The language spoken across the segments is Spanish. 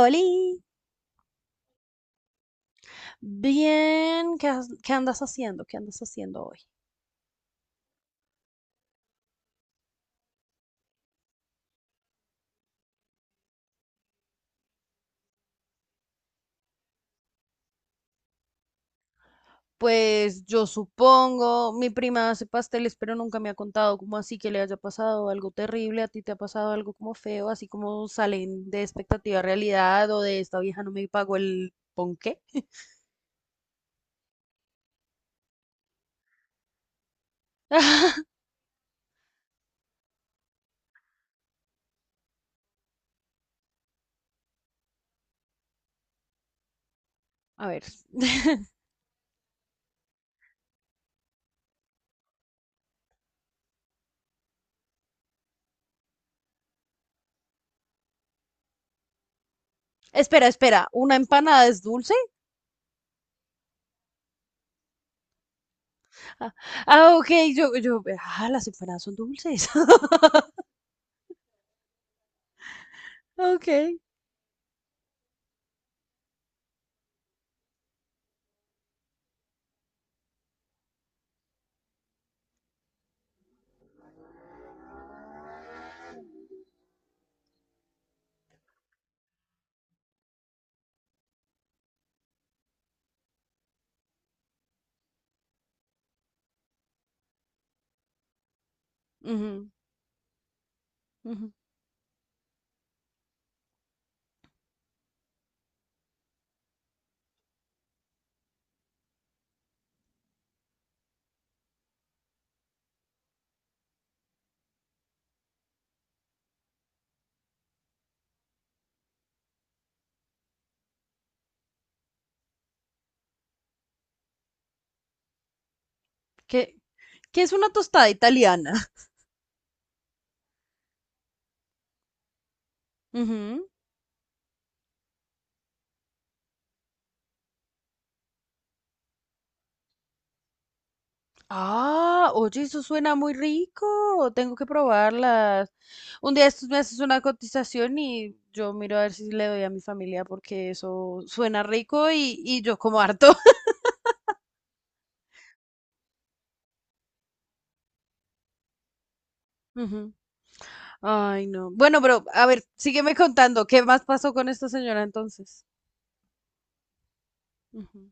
Oli, bien, ¿qué, qué andas haciendo? ¿Qué andas haciendo hoy? Pues yo supongo, mi prima hace pasteles, pero nunca me ha contado cómo así que le haya pasado algo terrible, a ti te ha pasado algo como feo, así como salen de expectativa a realidad o de esta vieja no me pagó el ponqué. A ver, espera, espera, ¿una empanada es dulce? Ah, ah, ok, yo, ah, las empanadas son dulces. Ok. Ujú, ujú. ¿Qué, qué es una tostada italiana? Ujú. Ah, oye, eso suena muy rico. Tengo que probarlas. Un día estos me haces una cotización y yo miro a ver si le doy a mi familia porque eso suena rico y yo como harto. Ujú. Ay, no. Bueno, pero a ver, sígueme contando. ¿Qué más pasó con esta señora entonces? Ujú.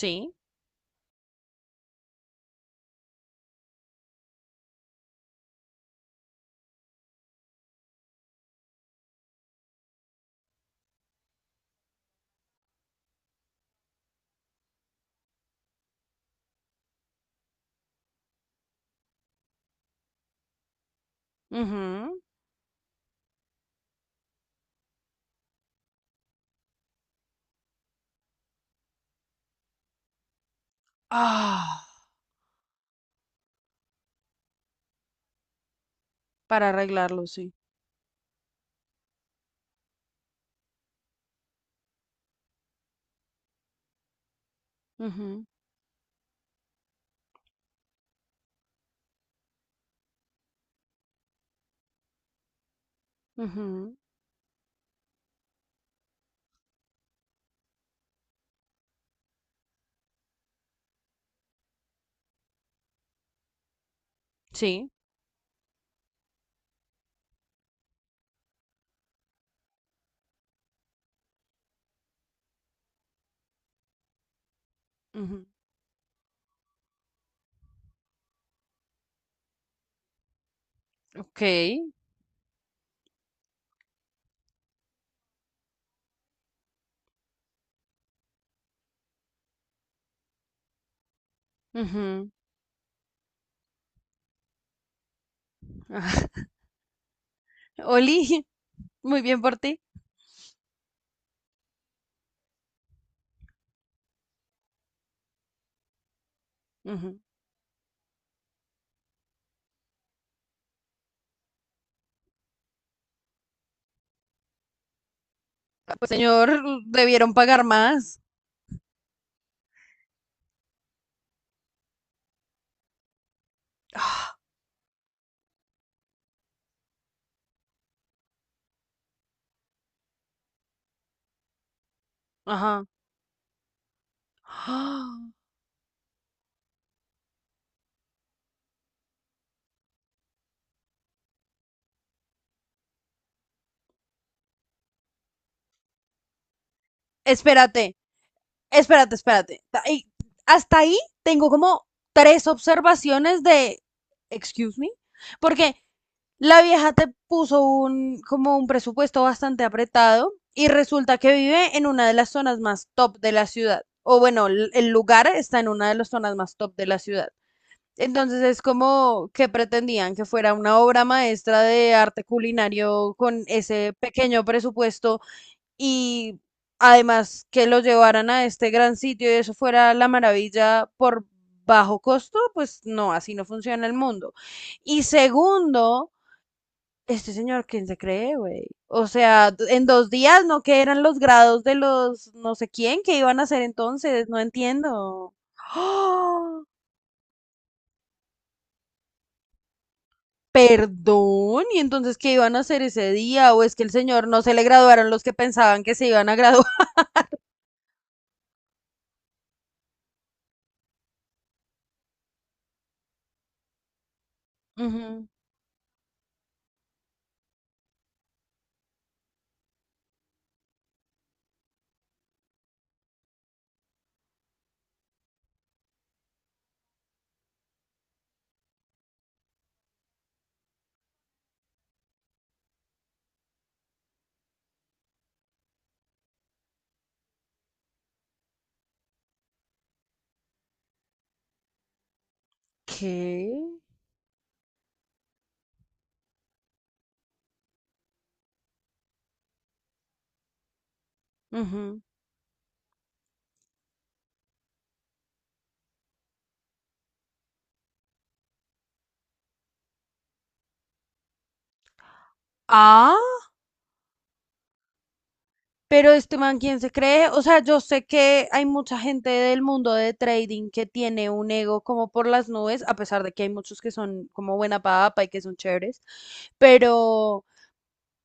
Sí. Ujú. Ah, para arreglarlo, sí. Ujú, ujú, sí. Ujú. Ok. Ujú. Oli, muy bien por ti. Ujú. Ah, pues señor, debieron pagar más. Ah, ajá. Ah, espérate, espérate, espérate. Hasta ahí tengo como tres observaciones de, excuse me, porque la vieja te puso un, como un presupuesto bastante apretado y resulta que vive en una de las zonas más top de la ciudad. O bueno, el lugar está en una de las zonas más top de la ciudad. Entonces es como que pretendían que fuera una obra maestra de arte culinario con ese pequeño presupuesto y además que lo llevaran a este gran sitio y eso fuera la maravilla por bajo costo, pues no, así no funciona el mundo. Y segundo, este señor, ¿quién se cree, güey? O sea, en 2 días, ¿no?, que eran los grados de los no sé quién que iban a hacer entonces. No entiendo. Perdón, ¿y entonces qué iban a hacer ese día? ¿O es que el señor no se le graduaron los que pensaban que se iban a graduar? Ujú. ¿Qué? Ujú. Ah, pero este man, ¿quién se cree? O sea, yo sé que hay mucha gente del mundo de trading que tiene un ego como por las nubes, a pesar de que hay muchos que son como buena papa y que son chéveres, pero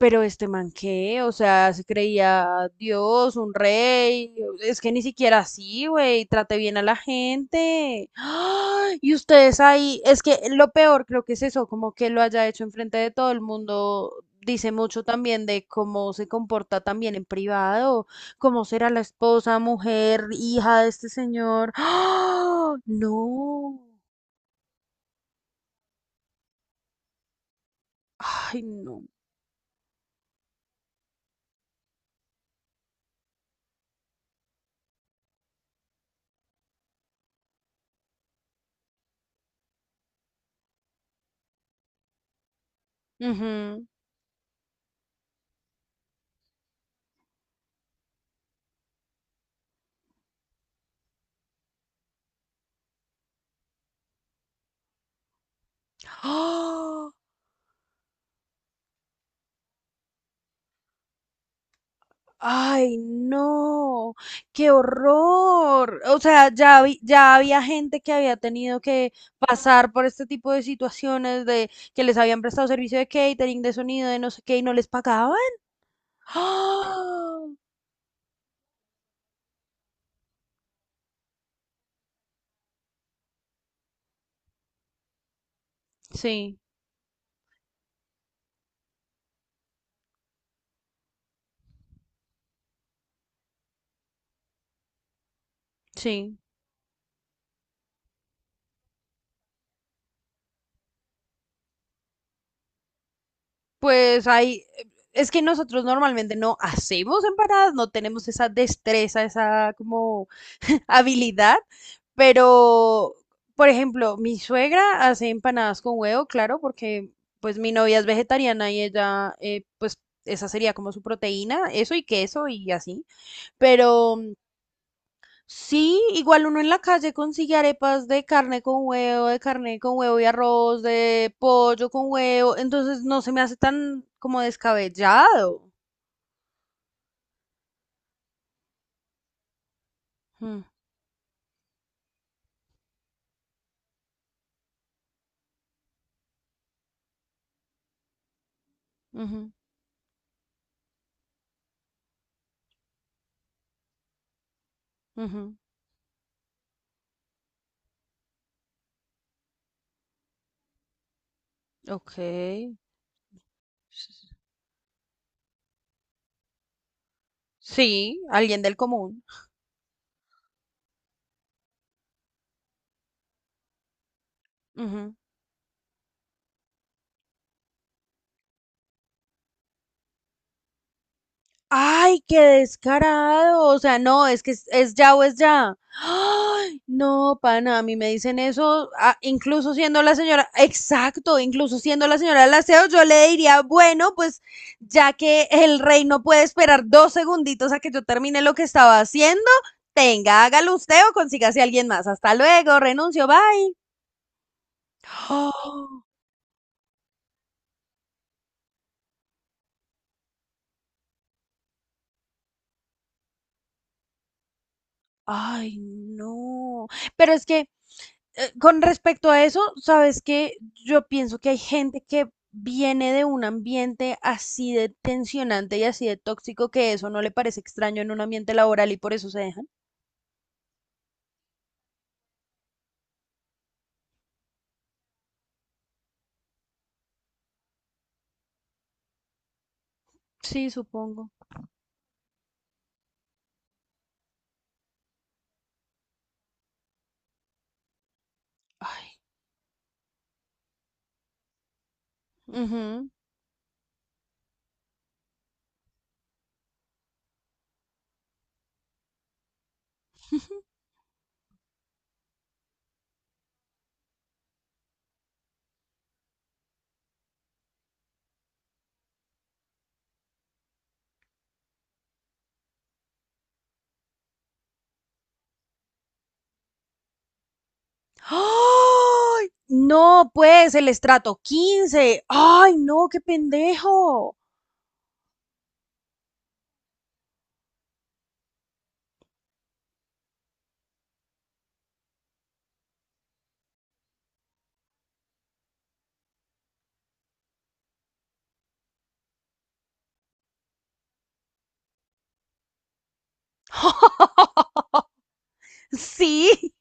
Pero este man qué, o sea, se creía Dios, un rey, es que ni siquiera así, güey, trate bien a la gente. ¡Ah! Y ustedes ahí, es que lo peor creo que es eso, como que lo haya hecho enfrente de todo el mundo, dice mucho también de cómo se comporta también en privado, cómo será la esposa, mujer, hija de este señor. ¡Ah! No, ay, no. Ujú. ¡Ah! Ay, no, qué horror. O sea, ya había gente que había tenido que pasar por este tipo de situaciones de que les habían prestado servicio de catering, de sonido, de no sé qué y no les pagaban. ¡Ah! Sí, sí. Pues ahí, es que nosotros normalmente no hacemos empanadas, no tenemos esa destreza, esa como habilidad, pero, por ejemplo, mi suegra hace empanadas con huevo, claro, porque pues mi novia es vegetariana y ella, pues esa sería como su proteína, eso y queso y así. Pero mm, sí, igual uno en la calle consigue arepas de carne con huevo, de carne con huevo y arroz, de pollo con huevo, entonces no se me hace tan como descabellado. Mm, ujú, ujú, ok. Sí, alguien del común. Ay, qué descarado. O sea, no, es que es ya o es ya. Ay, no, pana, a mí me dicen eso, ah, incluso siendo la señora, exacto, incluso siendo la señora del aseo, yo le diría, bueno, pues ya que el rey no puede esperar 2 segunditos a que yo termine lo que estaba haciendo, tenga, hágalo usted o consígase a alguien más. Hasta luego, renuncio, bye. Oh, ay, no. Pero es que con respecto a eso, sabes que yo pienso que hay gente que viene de un ambiente así de tensionante y así de tóxico que eso no le parece extraño en un ambiente laboral y por eso se dejan. Sí, supongo. Ay. Ujú. ¡Ay! No, pues el estrato 15. Ay, no, qué pendejo. Sí,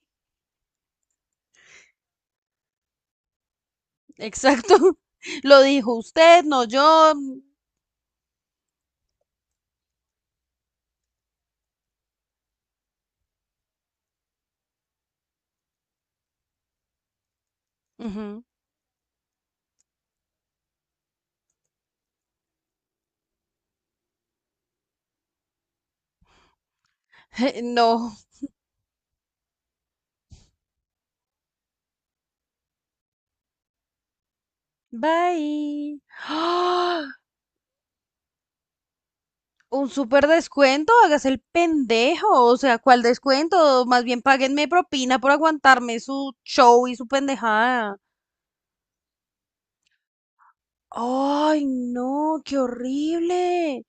exacto. Lo dijo usted, no yo. Ujú. No. Bye. Un súper descuento, hágase el pendejo. O sea, ¿cuál descuento? Más bien páguenme propina por aguantarme su show y su pendejada. Ay, no, qué horrible.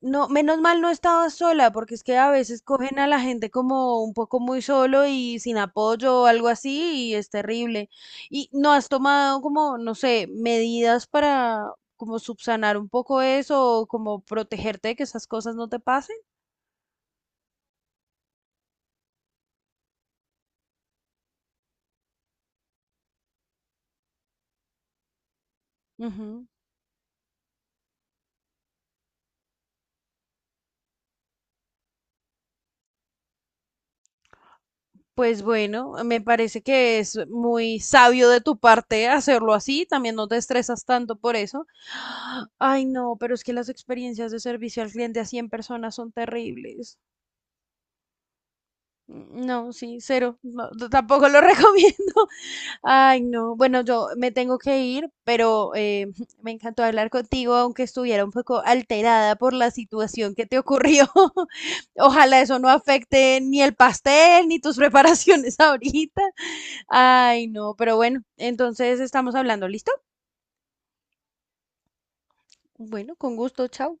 No, menos mal no estaba sola, porque es que a veces cogen a la gente como un poco muy solo y sin apoyo o algo así, y es terrible. ¿Y no has tomado como, no sé, medidas para como subsanar un poco eso o como protegerte de que esas cosas no te pasen? Ujú. Pues bueno, me parece que es muy sabio de tu parte hacerlo así, también no te estresas tanto por eso. Ay, no, pero es que las experiencias de servicio al cliente a 100 personas son terribles. No, sí, cero, no, tampoco lo recomiendo. Ay, no, bueno, yo me tengo que ir, pero me encantó hablar contigo, aunque estuviera un poco alterada por la situación que te ocurrió. Ojalá eso no afecte ni el pastel ni tus preparaciones ahorita. Ay, no, pero bueno, entonces estamos hablando, ¿listo? Bueno, con gusto, chao.